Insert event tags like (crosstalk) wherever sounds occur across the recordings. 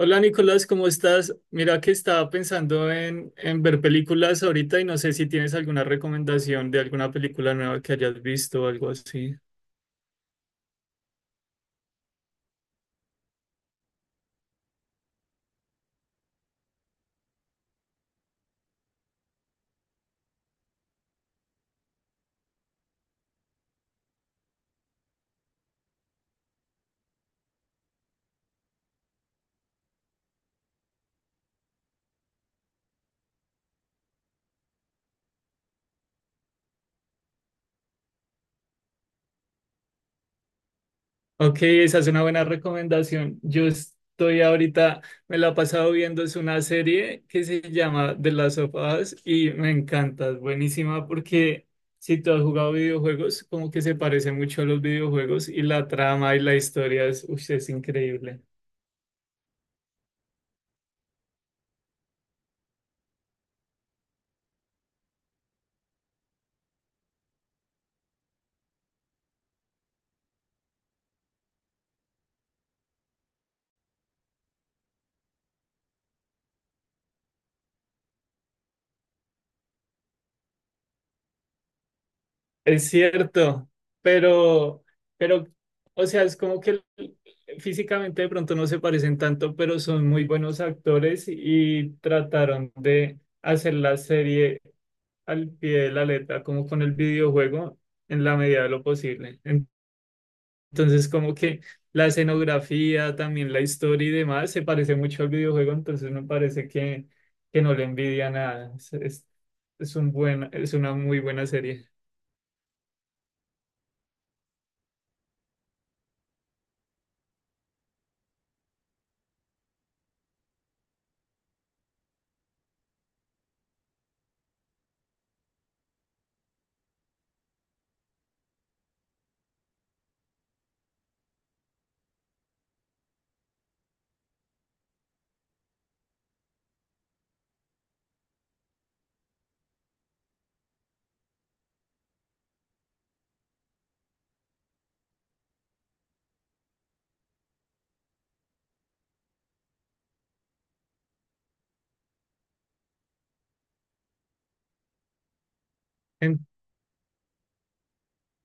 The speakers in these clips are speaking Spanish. Hola Nicolás, ¿cómo estás? Mira que estaba pensando en ver películas ahorita y no sé si tienes alguna recomendación de alguna película nueva que hayas visto o algo así. Ok, esa es una buena recomendación. Yo estoy ahorita, me la he pasado viendo, es una serie que se llama The Last of Us y me encanta, es buenísima porque si tú has jugado videojuegos, como que se parece mucho a los videojuegos y la trama y la historia es, uy, es increíble. Es cierto, pero, pero o sea, es como que físicamente de pronto no se parecen tanto, pero son muy buenos actores y trataron de hacer la serie al pie de la letra, como con el videojuego, en la medida de lo posible. Entonces, como que la escenografía, también la historia y demás, se parece mucho al videojuego, entonces me parece que no le envidia nada. Es es un buen, es una muy buena serie.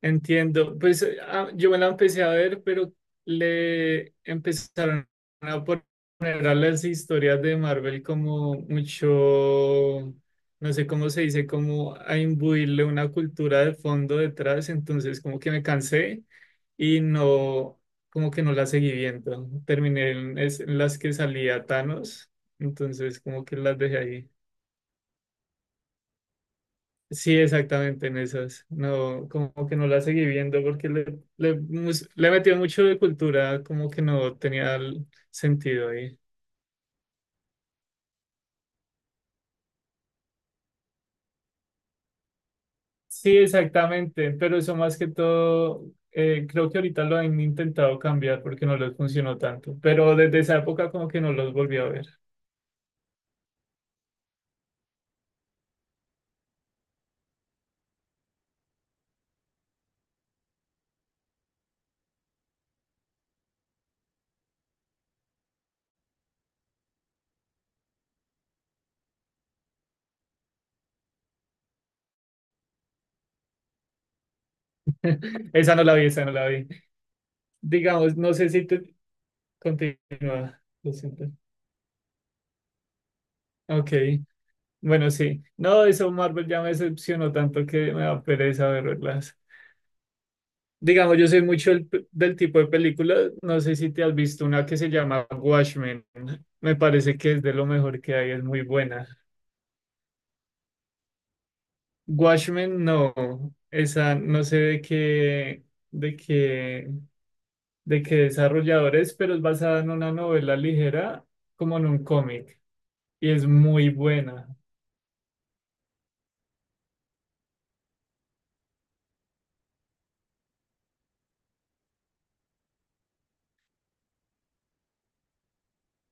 Entiendo. Pues yo me la empecé a ver, pero le empezaron a poner a las historias de Marvel como mucho, no sé cómo se dice, como a imbuirle una cultura de fondo detrás. Entonces como que me cansé y no, como que no la seguí viendo. Terminé en las que salía Thanos, entonces como que las dejé ahí. Sí, exactamente en esas. No, como que no la seguí viendo porque le metió mucho de cultura, como que no tenía el sentido ahí. Sí, exactamente, pero eso más que todo, creo que ahorita lo han intentado cambiar porque no les funcionó tanto, pero desde esa época como que no los volví a ver. (laughs) Esa no la vi, esa no la vi. Digamos, no sé si te continúa, lo siento. Ok, bueno, sí. No, eso Marvel ya me decepcionó tanto que me da pereza verlas. Digamos, yo soy mucho el del tipo de película, no sé si te has visto una que se llama Watchmen, me parece que es de lo mejor que hay, es muy buena. Watchmen no, esa no sé de qué, de qué, de qué desarrollador es, pero es basada en una novela ligera, como en un cómic, y es muy buena.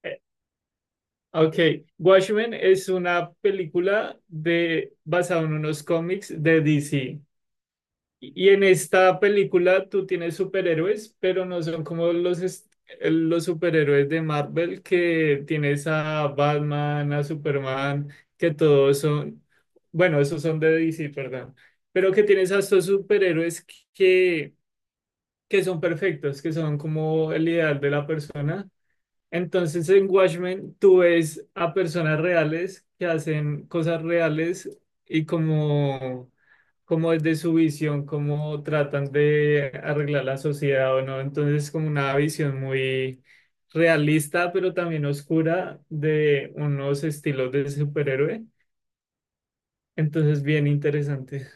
Eh, Ok, Watchmen es una película de, basada en unos cómics de DC. Y en esta película tú tienes superhéroes, pero no son como los superhéroes de Marvel que tienes a Batman, a Superman, que todos son, bueno, esos son de DC, perdón, pero que tienes a estos superhéroes que, que son perfectos, que son como el ideal de la persona, entonces en Watchmen tú ves a personas reales que hacen cosas reales y como, como desde su visión, cómo tratan de arreglar la sociedad o no. Entonces es como una visión muy realista, pero también oscura de unos estilos de superhéroe. Entonces bien interesante.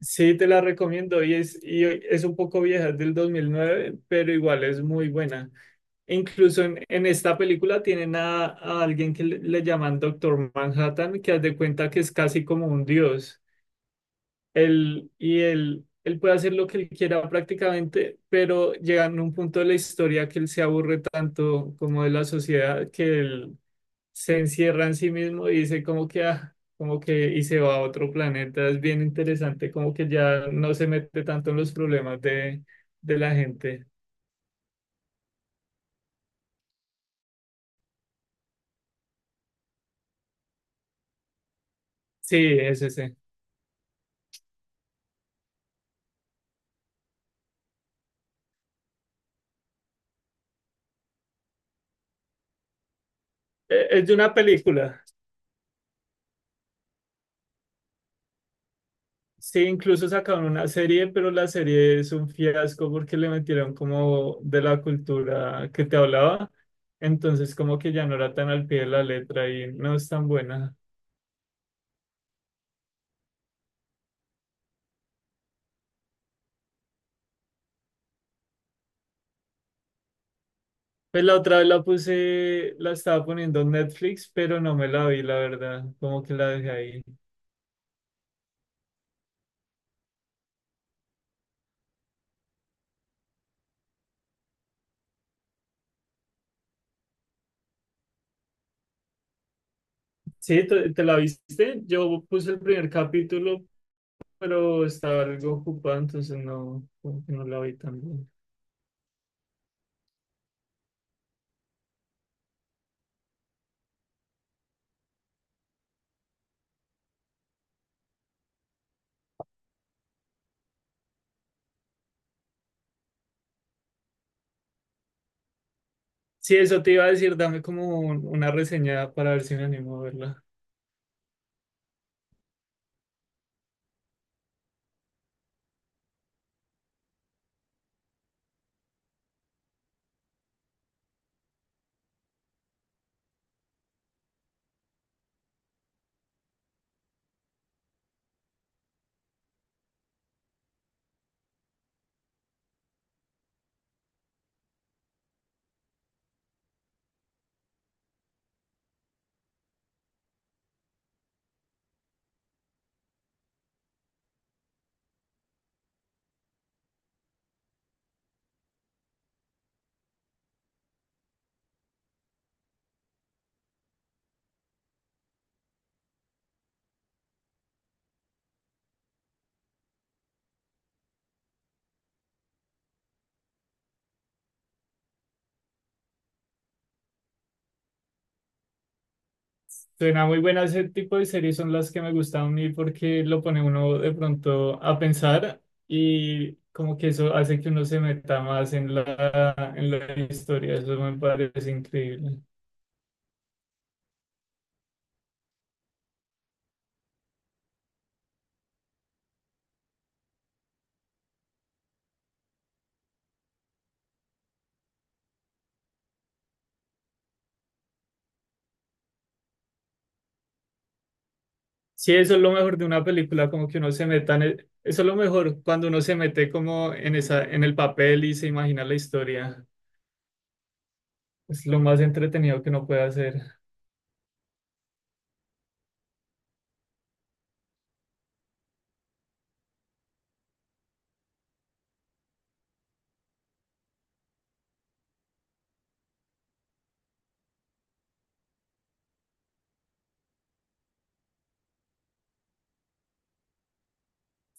Sí, te la recomiendo y es un poco vieja, es del 2009 pero igual es muy buena. Incluso en esta película tienen a alguien que le llaman Doctor Manhattan, que haz de cuenta que es casi como un dios. Él puede hacer lo que él quiera prácticamente, pero llegan a un punto de la historia que él se aburre tanto como de la sociedad que él se encierra en sí mismo y dice como que, ah, como que, y se va a otro planeta. Es bien interesante, como que ya no se mete tanto en los problemas de la gente. Sí, es ese. Es de una película. Sí, incluso sacaron una serie, pero la serie es un fiasco porque le metieron como de la cultura que te hablaba. Entonces como que ya no era tan al pie de la letra y no es tan buena. Pues la otra vez la puse, la estaba poniendo en Netflix, pero no me la vi, la verdad. Como que la dejé ahí. Sí, ¿te, te la viste? Yo puse el primer capítulo, pero estaba algo ocupado, entonces no, como que no la vi tan bien. Sí, eso te iba a decir, dame como una reseña para ver si me animo a verla. Suena muy buena, ese tipo de series son las que me gustan a mí porque lo pone uno de pronto a pensar y como que eso hace que uno se meta más en la historia, eso me parece increíble. Sí, eso es lo mejor de una película, como que uno se meta en eso es lo mejor cuando uno se mete como en esa, en el papel y se imagina la historia, es lo más entretenido que uno puede hacer.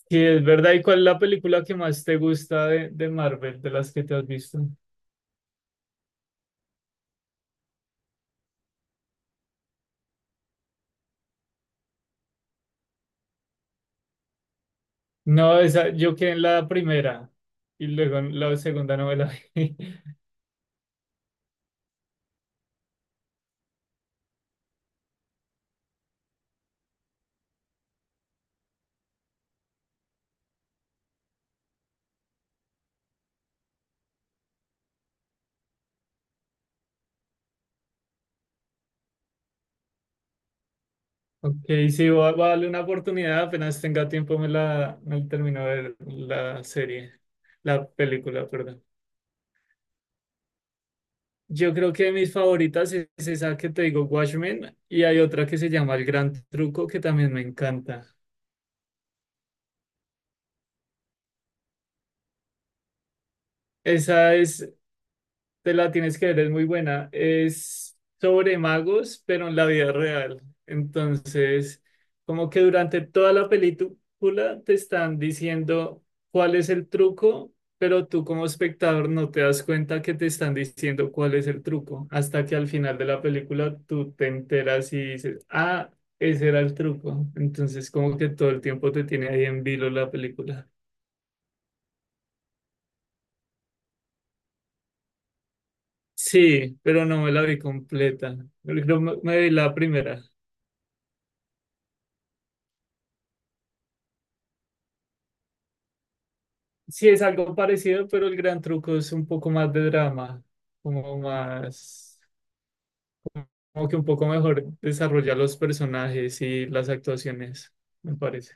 Sí, es verdad, ¿y cuál es la película que más te gusta de Marvel, de las que te has visto? No, esa, yo quedé en la primera y luego en la segunda no me la vi. (laughs) Ok, sí, voy a darle una oportunidad. Apenas tenga tiempo me la termino de ver la serie, la película, perdón. Yo creo que mis favoritas es esa que te digo, Watchmen, y hay otra que se llama El Gran Truco que también me encanta. Esa es, te la tienes que ver, es muy buena. Es sobre magos, pero en la vida real. Entonces, como que durante toda la película te están diciendo cuál es el truco, pero tú como espectador no te das cuenta que te están diciendo cuál es el truco, hasta que al final de la película tú te enteras y dices, ah, ese era el truco. Entonces, como que todo el tiempo te tiene ahí en vilo la película. Sí, pero no me la vi completa. Creo que me vi la primera. Sí, es algo parecido, pero el gran truco es un poco más de drama, como más, como que un poco mejor desarrollar los personajes y las actuaciones, me parece.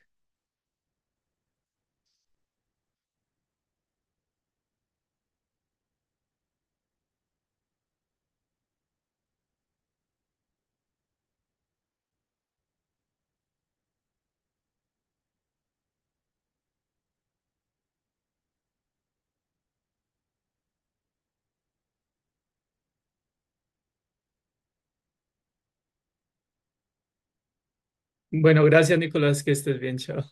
Bueno, gracias, Nicolás, que estés bien, chao.